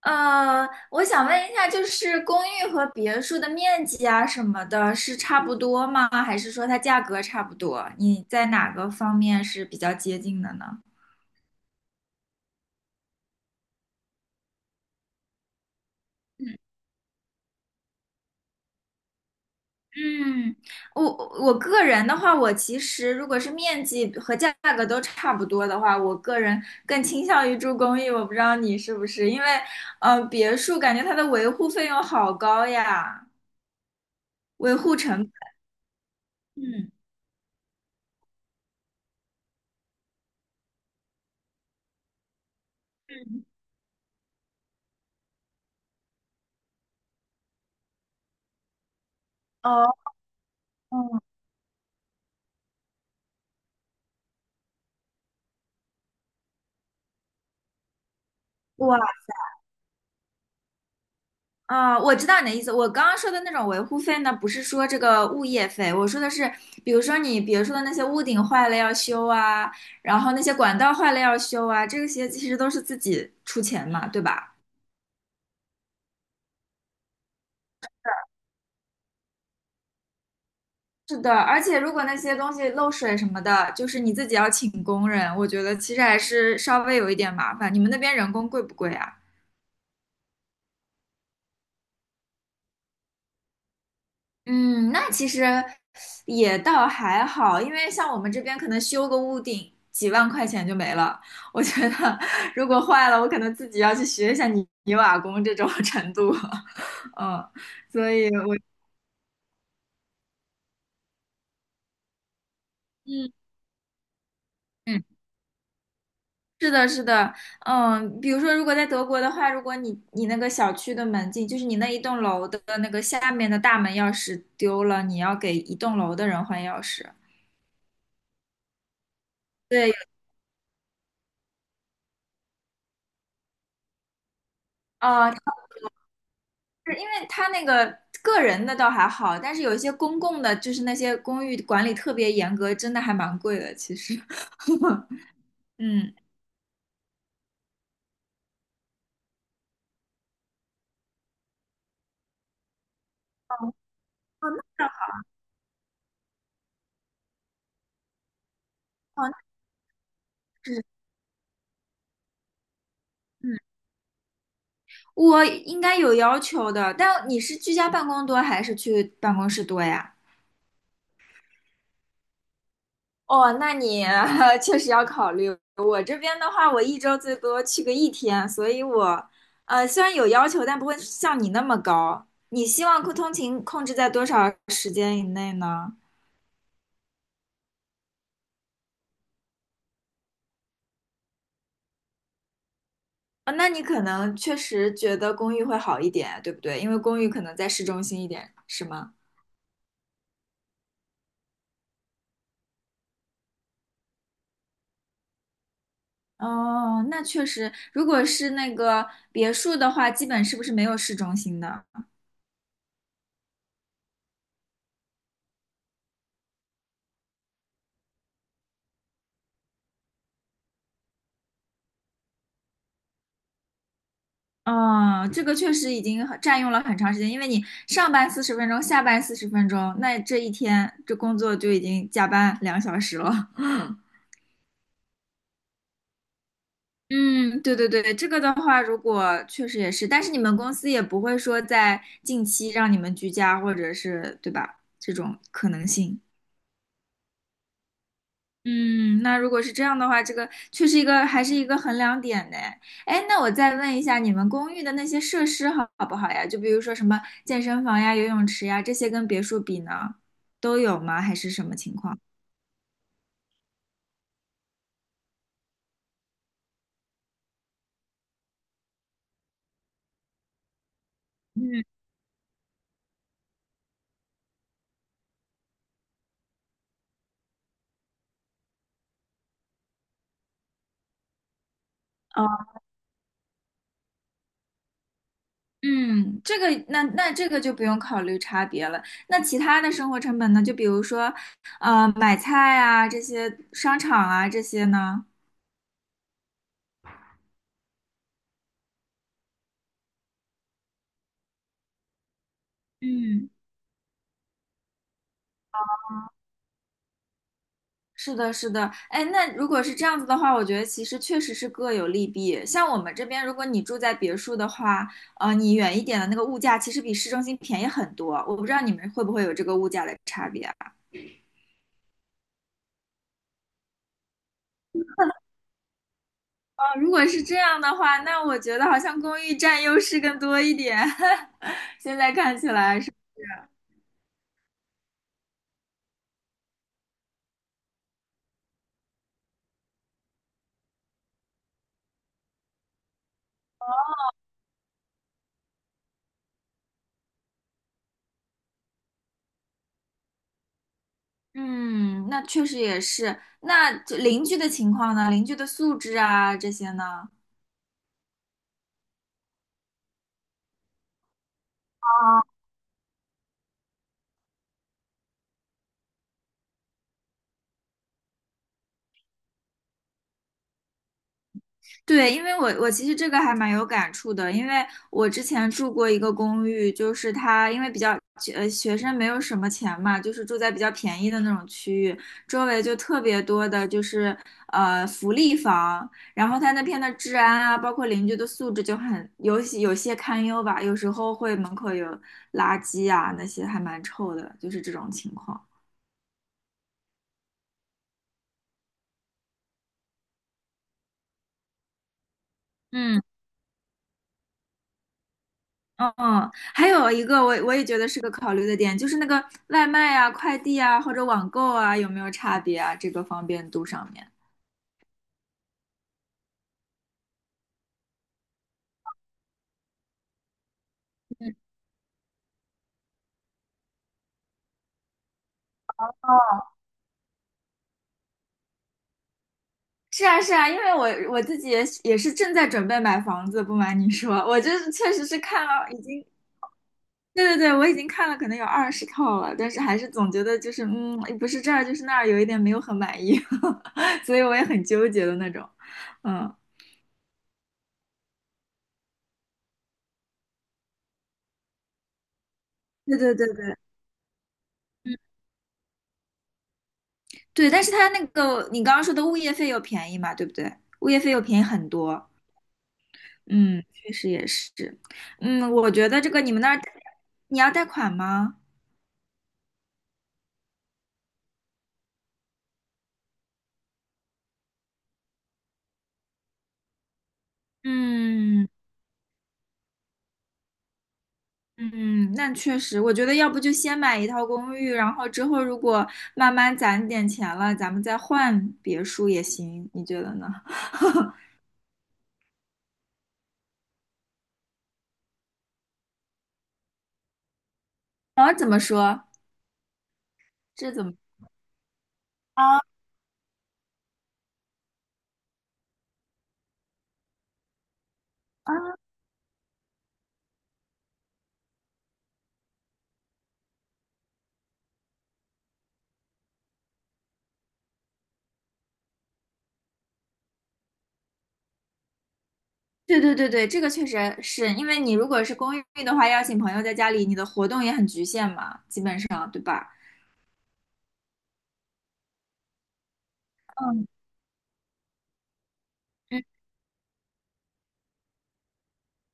我想问一下，就是公寓和别墅的面积啊什么的，是差不多吗？还是说它价格差不多？你在哪个方面是比较接近的呢？嗯，我我个人的话，我其实如果是面积和价格都差不多的话，我个人更倾向于住公寓。我不知道你是不是，因为别墅感觉它的维护费用好高呀，维护成本。嗯，哦，嗯，哇。啊，我知道你的意思。我刚刚说的那种维护费呢，不是说这个物业费，我说的是，比如说你别说的那些屋顶坏了要修啊，然后那些管道坏了要修啊，这些其实都是自己出钱嘛，对吧？是的，而且如果那些东西漏水什么的，就是你自己要请工人，我觉得其实还是稍微有一点麻烦。你们那边人工贵不贵啊？嗯，那其实也倒还好，因为像我们这边可能修个屋顶几万块钱就没了。我觉得如果坏了，我可能自己要去学一下泥瓦工这种 程度。嗯，所以我嗯嗯，是的，是的，嗯，比如说如果在德国的话，如果你那个小区的门禁，就是你那一栋楼的那个下面的大门钥匙丢了，你要给一栋楼的人换钥匙。对，哦，是因为他那个个人的倒还好，但是有一些公共的，就是那些公寓管理特别严格，真的还蛮贵的。其实，嗯，哦，那哦，那是，嗯，我应该有要求的。但你是居家办公多还是去办公室多呀？哦，那你 确实要考虑。我这边的话，我一周最多去个一天，所以我，虽然有要求，但不会像你那么高。你希望通勤控制在多少时间以内呢？啊，那你可能确实觉得公寓会好一点，对不对？因为公寓可能在市中心一点，是吗？哦，那确实，如果是那个别墅的话，基本是不是没有市中心的？哦，这个确实已经很占用了很长时间，因为你上班四十分钟，下班四十分钟，那这一天这工作就已经加班2小时了。嗯，对对对，这个的话，如果确实也是，但是你们公司也不会说在近期让你们居家，或者是，对吧？这种可能性。嗯，那如果是这样的话，这个确实一个还是一个衡量点呢。哎，那我再问一下，你们公寓的那些设施好不好呀？就比如说什么健身房呀、游泳池呀，这些跟别墅比呢，都有吗？还是什么情况？嗯，哦，嗯，这个那那这个就不用考虑差别了。那其他的生活成本呢？就比如说，买菜啊，这些商场啊，这些呢？嗯。是的，是的，哎，那如果是这样子的话，我觉得其实确实是各有利弊。像我们这边，如果你住在别墅的话，你远一点的那个物价其实比市中心便宜很多。我不知道你们会不会有这个物价的差别啊？哦如果是这样的话，那我觉得好像公寓占优势更多一点。现在看起来是，嗯，那确实也是。那这邻居的情况呢？邻居的素质啊，这些呢？对，因为我其实这个还蛮有感触的，因为我之前住过一个公寓，就是它因为比较学生没有什么钱嘛，就是住在比较便宜的那种区域，周围就特别多的就是福利房，然后它那片的治安啊，包括邻居的素质就很有些堪忧吧，有时候会门口有垃圾啊那些还蛮臭的，就是这种情况。嗯。嗯，还有一个我也觉得是个考虑的点，就是那个外卖啊、快递啊或者网购啊有没有差别啊？这个方便度上面。是啊，是啊，因为我自己也是正在准备买房子，不瞒你说，我就是确实是看了已经，对对对，我已经看了可能有20套了，但是还是总觉得就是嗯，不是这儿就是那儿，有一点没有很满意，所以我也很纠结的那种。嗯，对对对对，嗯对，但是它那个你刚刚说的物业费又便宜嘛，对不对？物业费又便宜很多。嗯，确实也是。嗯，我觉得这个你们那儿你要贷款吗？嗯嗯，那确实，我觉得要不就先买一套公寓，然后之后如果慢慢攒点钱了，咱们再换别墅也行，你觉得呢？啊，怎么说？这怎么？啊对对对对，这个确实是因为你如果是公寓的话，邀请朋友在家里，你的活动也很局限嘛，基本上，对吧？嗯嗯，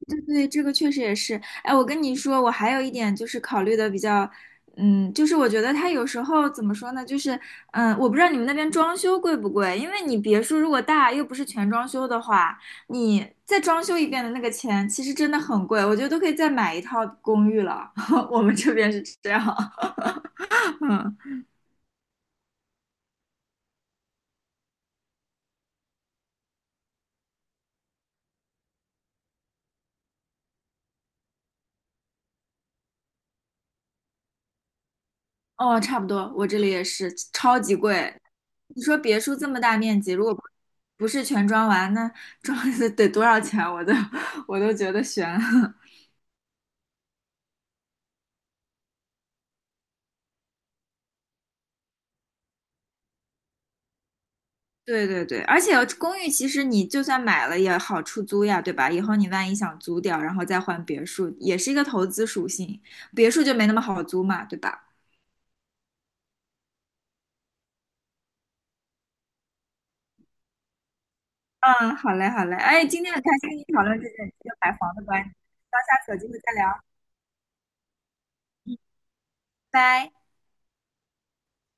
对对，这个确实也是。哎，我跟你说，我还有一点就是考虑的比较，嗯，就是我觉得它有时候怎么说呢，就是嗯，我不知道你们那边装修贵不贵，因为你别墅如果大又不是全装修的话，你再装修一遍的那个钱其实真的很贵，我觉得都可以再买一套公寓了。我们这边是这样，嗯。哦，差不多，我这里也是超级贵。你说别墅这么大面积，如果不是全装完，那装 得多少钱？我都觉得悬了 对对对，而且公寓其实你就算买了也好出租呀，对吧？以后你万一想租掉，然后再换别墅，也是一个投资属性，别墅就没那么好租嘛，对吧？嗯，好嘞，好嘞。哎，今天很开心跟你讨论这个买房的观点，到下次有机会再聊，拜。